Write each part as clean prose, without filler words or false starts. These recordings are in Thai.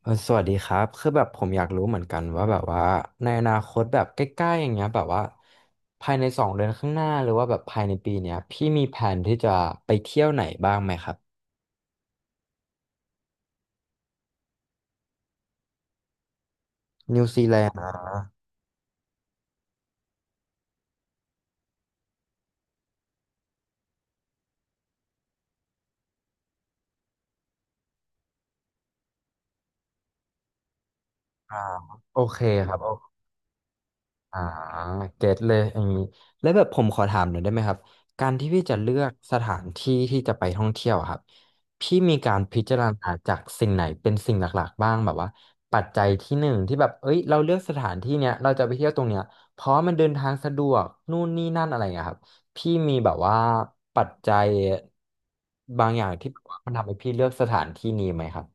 สวัสดีครับคือแบบผมอยากรู้เหมือนกันว่าแบบว่าในอนาคตแบบใกล้ๆอย่างเงี้ยแบบว่าภายใน2 เดือนข้างหน้าหรือว่าแบบภายในปีเนี้ยพี่มีแผนที่จะไปเที่ยวไหนบ้างไหมครับนิวซีแลนด์อ่าโอเคครับ อ่าเก็ตเลยอย่างนี้แล้วแบบผมขอถามหน่อยได้ไหมครับการที่พี่จะเลือกสถานที่ที่จะไปท่องเที่ยวอะครับพี่มีการพิจารณาจากสิ่งไหนเป็นสิ่งหลักๆบ้างแบบว่าปัจจัยที่หนึ่งที่แบบเอ้ยเราเลือกสถานที่เนี้ยเราจะไปเที่ยวตรงเนี้ยเพราะมันเดินทางสะดวกนู่นนี่นั่นอะไรอย่างเงี้ยครับพี่มีแบบว่าปัจจัยบางอย่างที่แบบว่ามันทำให้พี่เลือกสถานที่นี้ไหมครับ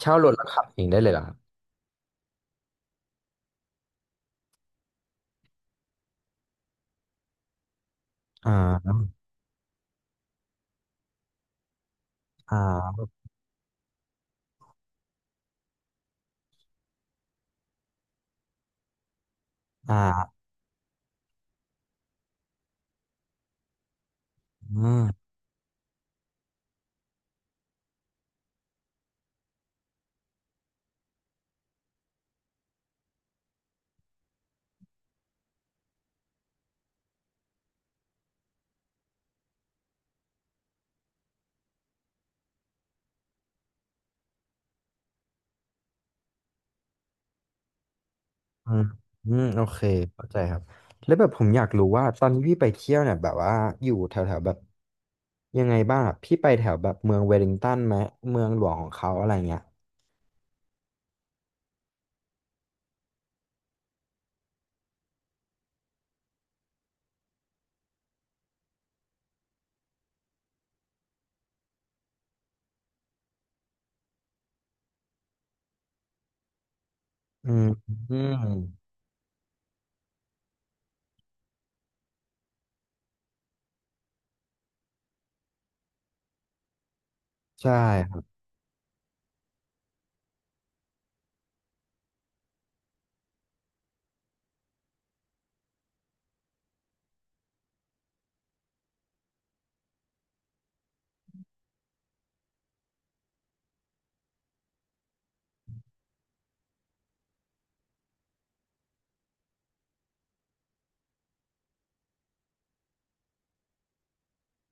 เช่ารถแล้วขับเองได้เลยเหรอครับอ่าอ่าอ่าอืม อืมอืมโอเคเข้าใจครับ แล้วแบบผมอยากรู้ว่าตอนที่พี่ไปเที่ยวเนี่ยแบบว่าอยู่แถวแถวแบบยังไงบ้างอะพี่ไปแถวแบบเมืองเวลลิงตันไหมเมืองหลวงของเขาอะไรเงี้ยอืมอืมใช่ครับ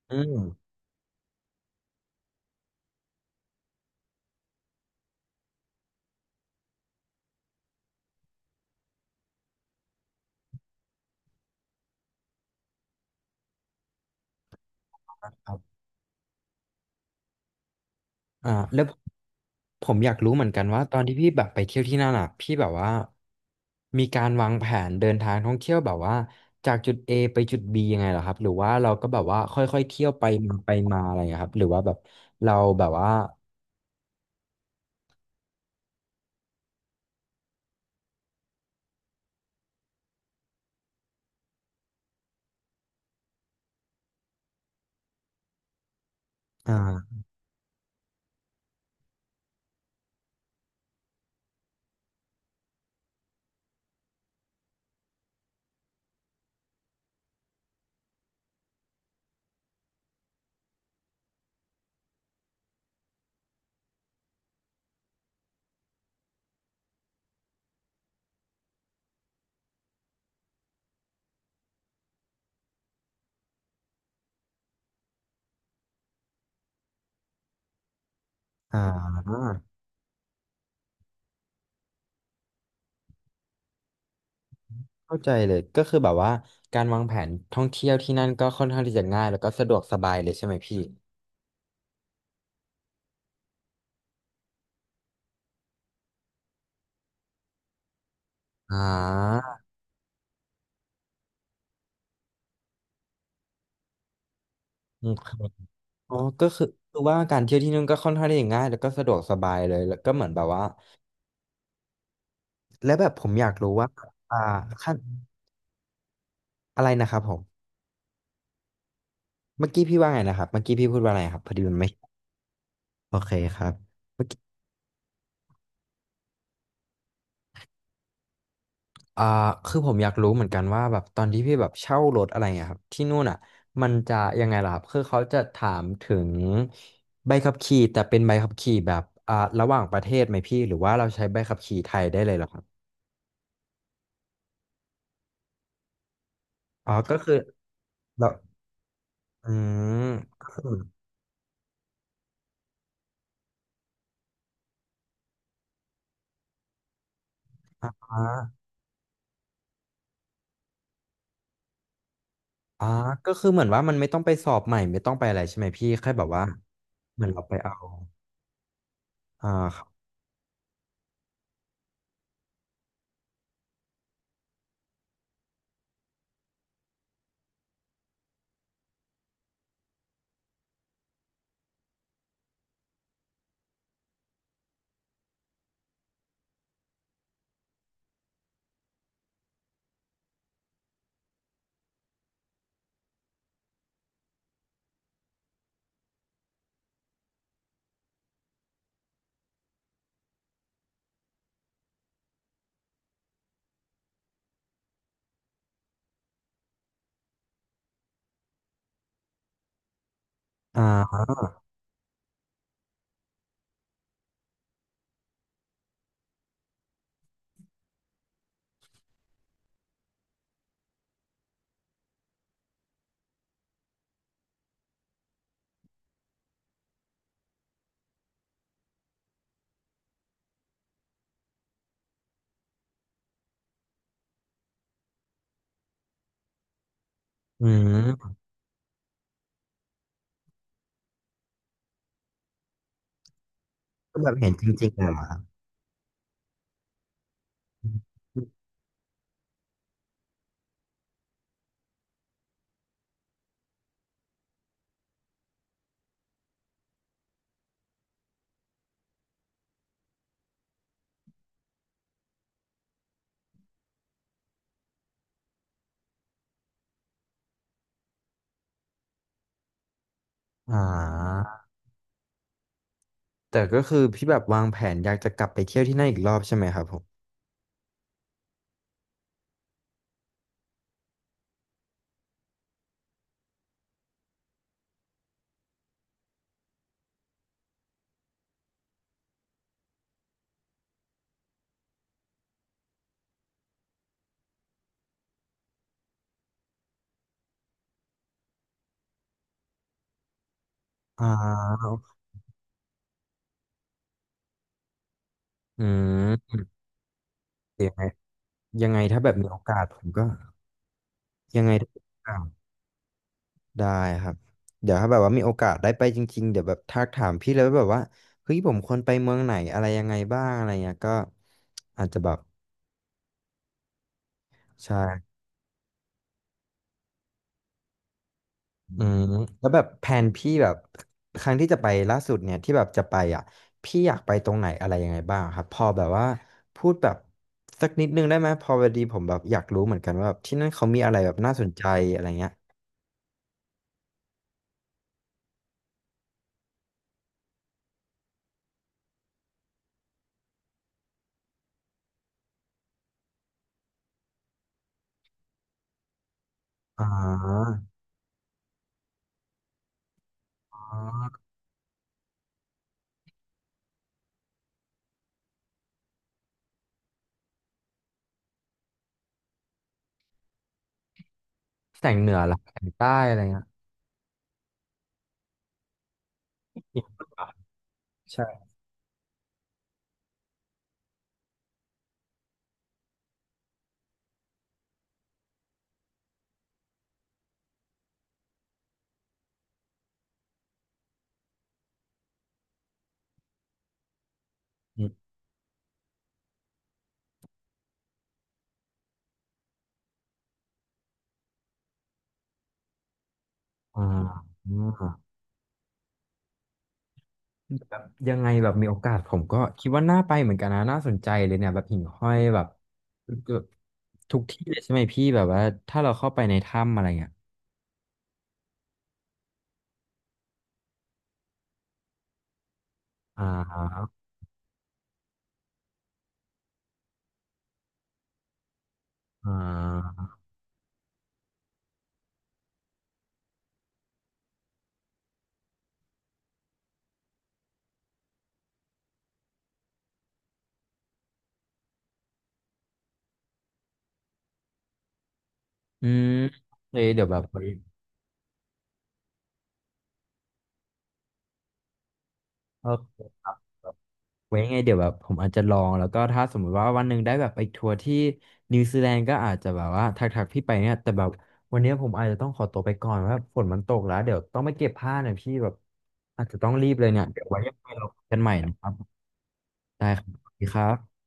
อืมครับแล้วผมอยากรู้เหมือนกันว่าตอนที่พี่แบบไปเที่ยวที่นั่นอ่ะพี่แบบว่ามีการวางแผนเดินทางท่องเที่ยวแบบว่าจากจุด A ไปจุด B ยังไงเหรอครับหรือว่าเราก็แบบว่าค่อยๆเที่ยวไปมาไปมาอะไรอย่างเงี้ยครับหรือว่าแบบเราแบบว่า อ่าอ่าเข้าใจเลยก็คือแบบว่าการวางแผนท่องเที่ยวที่นั่นก็ค่อนข้างที่จะง่ายแล้วก็สะดวกสบายเลยใช่ไหมพี่อ่าอืมครับอ๋อก็คือคือว่าการเที่ยวที่นู่นก็ค่อนข้างที่จะง่ายแล้วก็สะดวกสบายเลยแล้วก็เหมือนแบบว่าและแบบผมอยากรู้ว่าอ่าขั้นอะไรนะครับผมเมื่อกี้พี่ว่าไงนะครับเมื่อกี้พี่พูดว่าอะไรครับพอดีมันไม่โอเคครับ อ่าคือผมอยากรู้เหมือนกันว่าแบบตอนที่พี่แบบเช่ารถอะไรเงี้ยครับที่นู่นอ่ะมันจะยังไงล่ะครับคือเขาจะถามถึงใบขับขี่แต่เป็นใบขับขี่แบบอ่าระหว่างประเทศไหมพี่หรือว่าเราใช้ใบขับขี่ไทยได้เลยเหรอครับอ๋อก็คือเราอืมก็คืออ่าอ่าก็คือเหมือนว่ามันไม่ต้องไปสอบใหม่ไม่ต้องไปอะไรใช่ไหมพี่แค่แบบว่าเหมือนเราไปเอาอ่าครับอ่าอืมก็แบบเห็นจริงๆเลยเหรอครับอ่า แต่ก็คือพี่แบบวางแผนอยากจะกลับไปเที่ยวที่นั่นอีกรอบใช่ไหมครับผมอ่าอืมยังไงยังไงถ้าแบบมีโอกาสผมก็ยังไงถ้ามีโอกาสได้ครับเดี๋ยวถ้าแบบว่ามีโอกาสได้ไปจริงๆเดี๋ยวแบบทักถามพี่แล้วาแบบว่าเฮ้ยผมควรไปเมืองไหนอะไรยังไงบ้างอะไรเงี้ยก็อาจจะแบบใช่ อืมแล้วแบบแผนพี่แบบครั้งที่จะไปล่าสุดเนี่ยที่แบบจะไปอ่ะพี่อยากไปตรงไหนอะไรยังไงบ้างครับพอแบบว่าพูดแบบสักนิดนึงได้ไหมพอพอดีผมแบบอยากรู้เหมือนกันว่าแบบที่นั่นเขามีอะไรแบบน่าสนใจอะไรเงี้ยอ่าอ่าแสงเหนือเหรอแสงใต้อะไรเงี้ยใช่อมอ่าอ่าแบบยังไงแบบมีโอกาสผมก็คิดว่าน่าไปเหมือนกันนะน่าสนใจเลยเนี่ยแบบหิ่งห้อยแบบทุกที่เลยใช่ไหมพี่แบบว่าถ้าเราเข้าไปในถ้ำอะไรเงี้ย อ่าอ่าอืมเฮ้ยเดี๋ยวแบบไว้โอเคครับไว้ยังไงเดี๋ยวแบบผมอาจจะลองแล้วก็ถ้าสมมุติว่าวันหนึ่งได้แบบไปทัวร์ที่นิวซีแลนด์ก็อาจจะแบบว่าทักทักพี่ไปเนี่ย แต่แบบวันเนี้ยผมอาจจะต้องขอตัวไปก่อนว่าฝนมันตกแล้วเดี๋ยวต้องไปเก็บผ้าหน่อยพี่แบบอาจจะต้องรีบเลยเนี่ย เดี๋ยวไว้ยังไงเราคุยกันใหม่นะครับ ได้ครับสวัสดีครับ